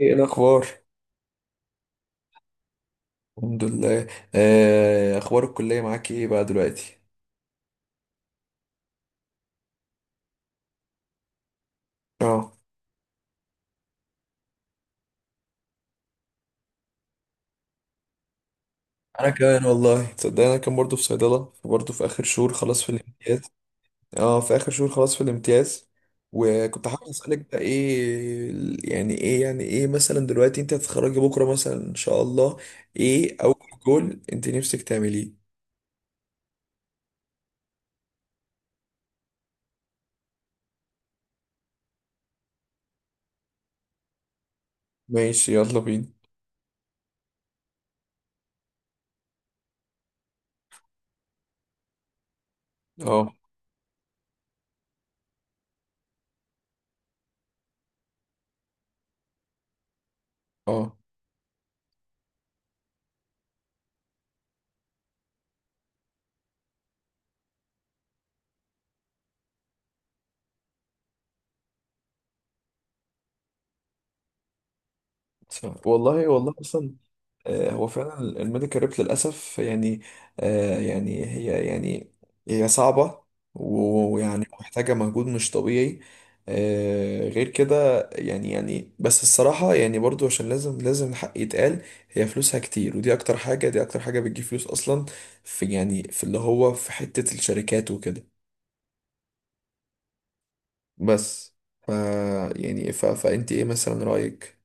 ايه الاخبار؟ الحمد لله. اخبار الكليه معاك ايه بقى دلوقتي؟ اه، انا كمان والله تصدق انا كان برضو في صيدله، برضو في اخر شهور خلاص في الامتياز. اه في اخر شهور خلاص في الامتياز. وكنت حابب اسالك بقى ايه يعني ايه يعني ايه مثلا دلوقتي، انت هتتخرجي بكره مثلا ان شاء الله؟ ايه اول جول انت نفسك تعمليه؟ ماشي، يلا بينا. اه اه، والله والله اصلا. هو فعلا الميديكال ريب للأسف يعني. يعني هي صعبة. ويعني محتاجة مجهود مش طبيعي. غير كده يعني بس الصراحة يعني برضو عشان لازم الحق يتقال. هي فلوسها كتير، ودي أكتر حاجة بتجيب فلوس أصلا، في اللي هو في حتة الشركات وكده. بس ف يعني ف فأنت إيه مثلا رأيك؟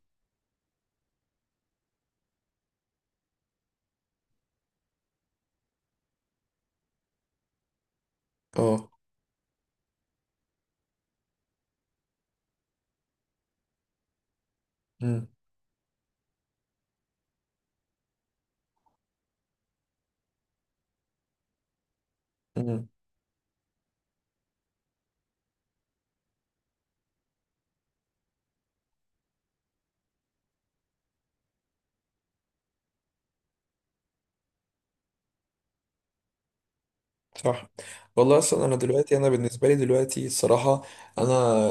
اه. مم. صح. والله اصلا انا دلوقتي، انا بالنسبه لي دلوقتي الصراحه، انا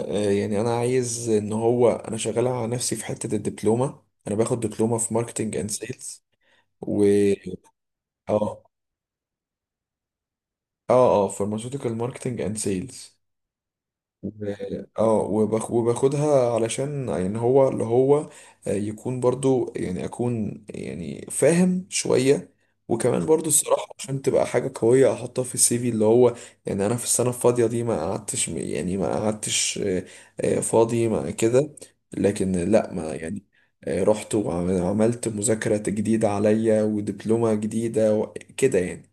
آه، يعني انا عايز ان هو انا شغال على نفسي في حته الدبلومه. انا باخد دبلومه في ماركتنج اند سيلز. و اه اه اه، فارماسيوتيكال ماركتنج اند سيلز. وباخدها علشان يعني هو اللي هو يكون برضو يعني اكون يعني فاهم شوية. وكمان برضو الصراحة عشان تبقى حاجة قوية احطها في السي في اللي هو، يعني انا في السنة الفاضية دي ما قعدتش فاضي ما كده، لكن لا ما يعني. رحت وعملت مذاكرة جديدة عليا ودبلومة جديدة وكده يعني.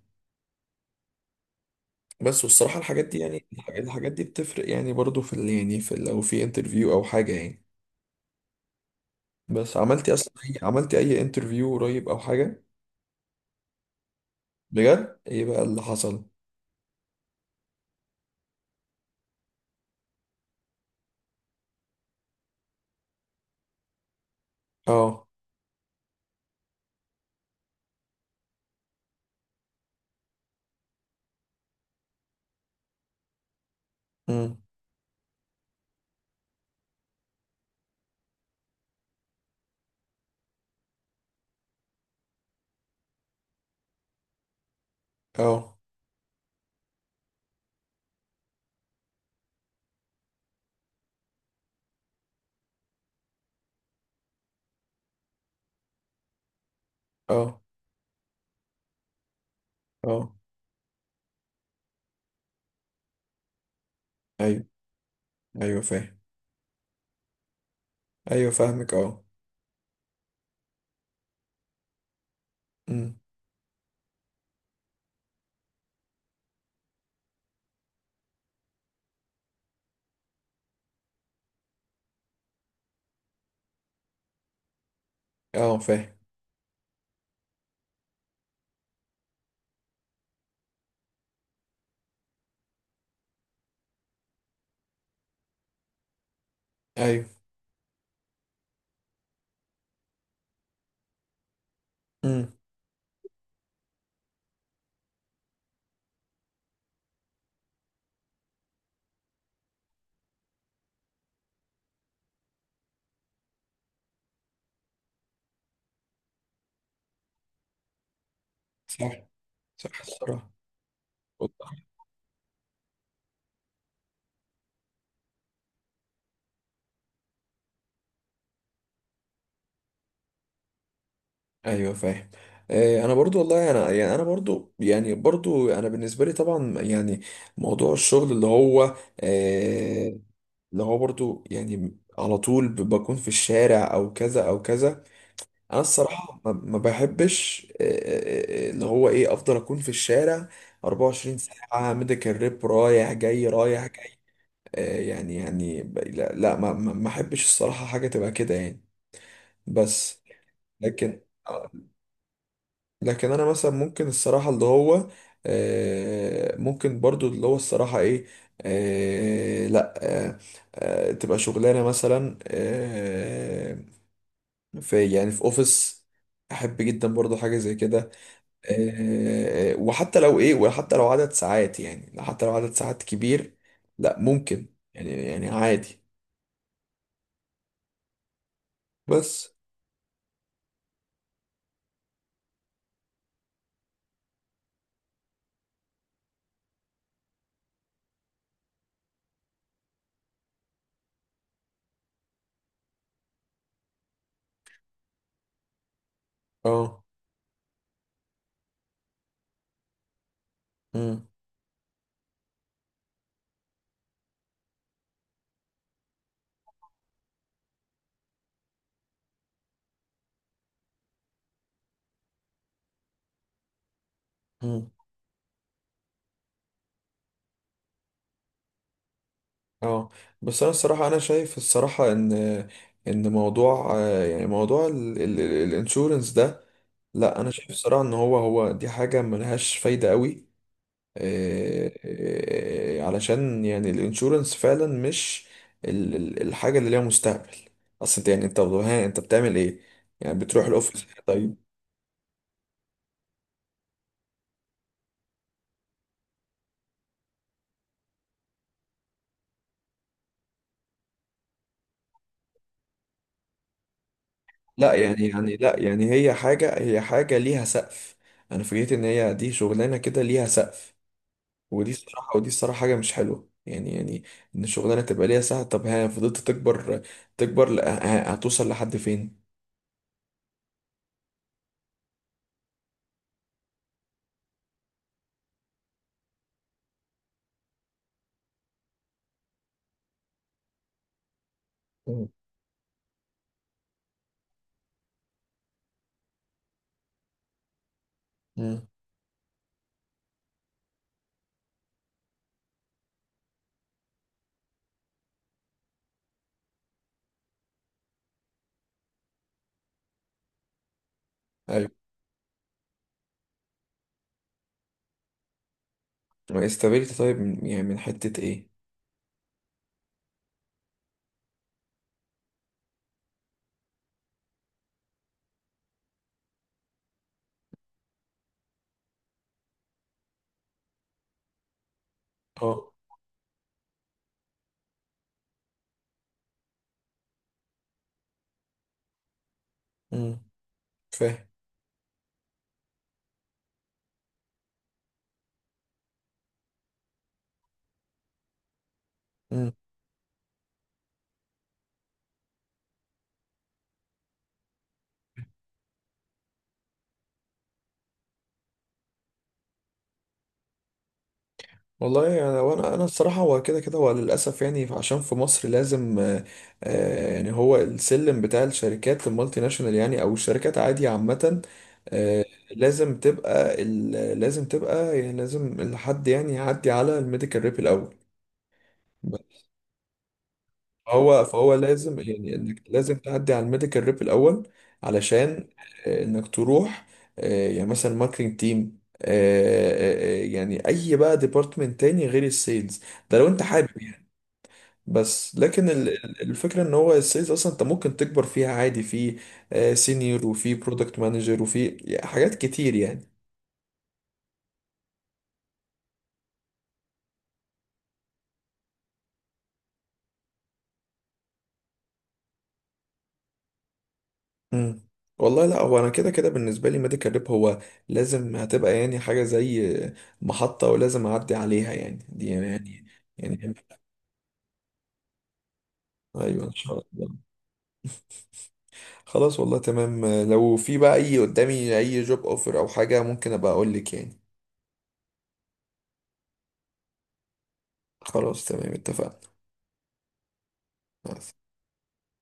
بس والصراحة الحاجات دي يعني الحاجات دي بتفرق يعني برضو في يعني في لو في انترفيو او حاجة يعني. بس عملتي اصلا أي- عملتي اي انترفيو قريب او حاجة؟ بجد ايه بقى اللي حصل؟ اه. امم. اه اه اه. ايوه ايوه، فاهم. ايوه فاهمك، اه. امم. اه، فاهم. ايوه. امم. صح صح، الصراحة. وضح. ايوه فاهم. انا برضو والله، انا يعني انا بالنسبه لي طبعا يعني موضوع الشغل اللي هو، آه، اللي هو برضو يعني على طول بكون في الشارع او كذا او كذا. انا الصراحة ما بحبش اللي هو ايه، افضل اكون في الشارع 24 ساعة، ميديكال ريب رايح جاي رايح جاي. يعني لا لا، ما احبش الصراحة حاجة تبقى كده يعني. بس لكن آه، لكن انا مثلا ممكن الصراحه اللي هو، ممكن برضو اللي هو الصراحه ايه، لا، آه، تبقى شغلانه مثلا في اوفيس، احب جدا برضو حاجه زي كده. وحتى لو ايه، وحتى لو عدد ساعات، يعني حتى لو عدد ساعات كبير لا ممكن، يعني يعني عادي. بس اه. مم، مم. اه. بس انا الصراحه انا شايف الصراحه ان موضوع آه، يعني موضوع الانشورنس ده، لا انا شايف الصراحه ان هو دي حاجه ملهاش فايده قوي. علشان يعني الانشورنس فعلا مش الحاجه اللي ليها مستقبل. اصل انت يعني انت بتعمل ايه؟ يعني بتروح الاوفيس طيب؟ لا يعني لا يعني هي حاجه ليها سقف. انا فكرت ان هي دي شغلانه كده ليها سقف، ودي الصراحة حاجة مش حلوة يعني، يعني إن الشغلانة تبقى ليها ساعة. طب ها فضلت تكبر تكبر، هتوصل لحد فين؟ مم. مم. أيوة. استابيليتي طيب، يعني من حتة إيه؟ أه. أمم، فاهم. والله يعني، وانا انا انا الصراحه هو كده كده هو للاسف، يعني عشان في مصر لازم يعني هو السلم بتاع الشركات المالتي ناشونال، يعني او الشركات عادي عامه. آه، لازم تبقى يعني، لازم الحد يعني يعدي على الميديكال ريب الاول. هو فهو لازم، يعني انك لازم تعدي على الميديكال ريب الاول علشان انك تروح يعني مثلا ماركتنج تيم، يعني اي بقى ديبارتمنت تاني غير السيلز، ده لو انت حابب. بس لكن الفكرة ان هو السيلز اصلا انت ممكن تكبر فيها عادي، في سينيور وفي برودكت مانجر وفي حاجات كتير يعني. مم. والله لا، هو انا كده كده بالنسبة لي ميديكال ريب هو لازم هتبقى يعني حاجة زي محطة، ولازم اعدي عليها يعني، دي يعني, ايوه ان شاء الله. خلاص والله تمام، لو في بقى اي قدامي اي جوب اوفر او حاجة ممكن ابقى اقول لك يعني. خلاص تمام اتفقنا.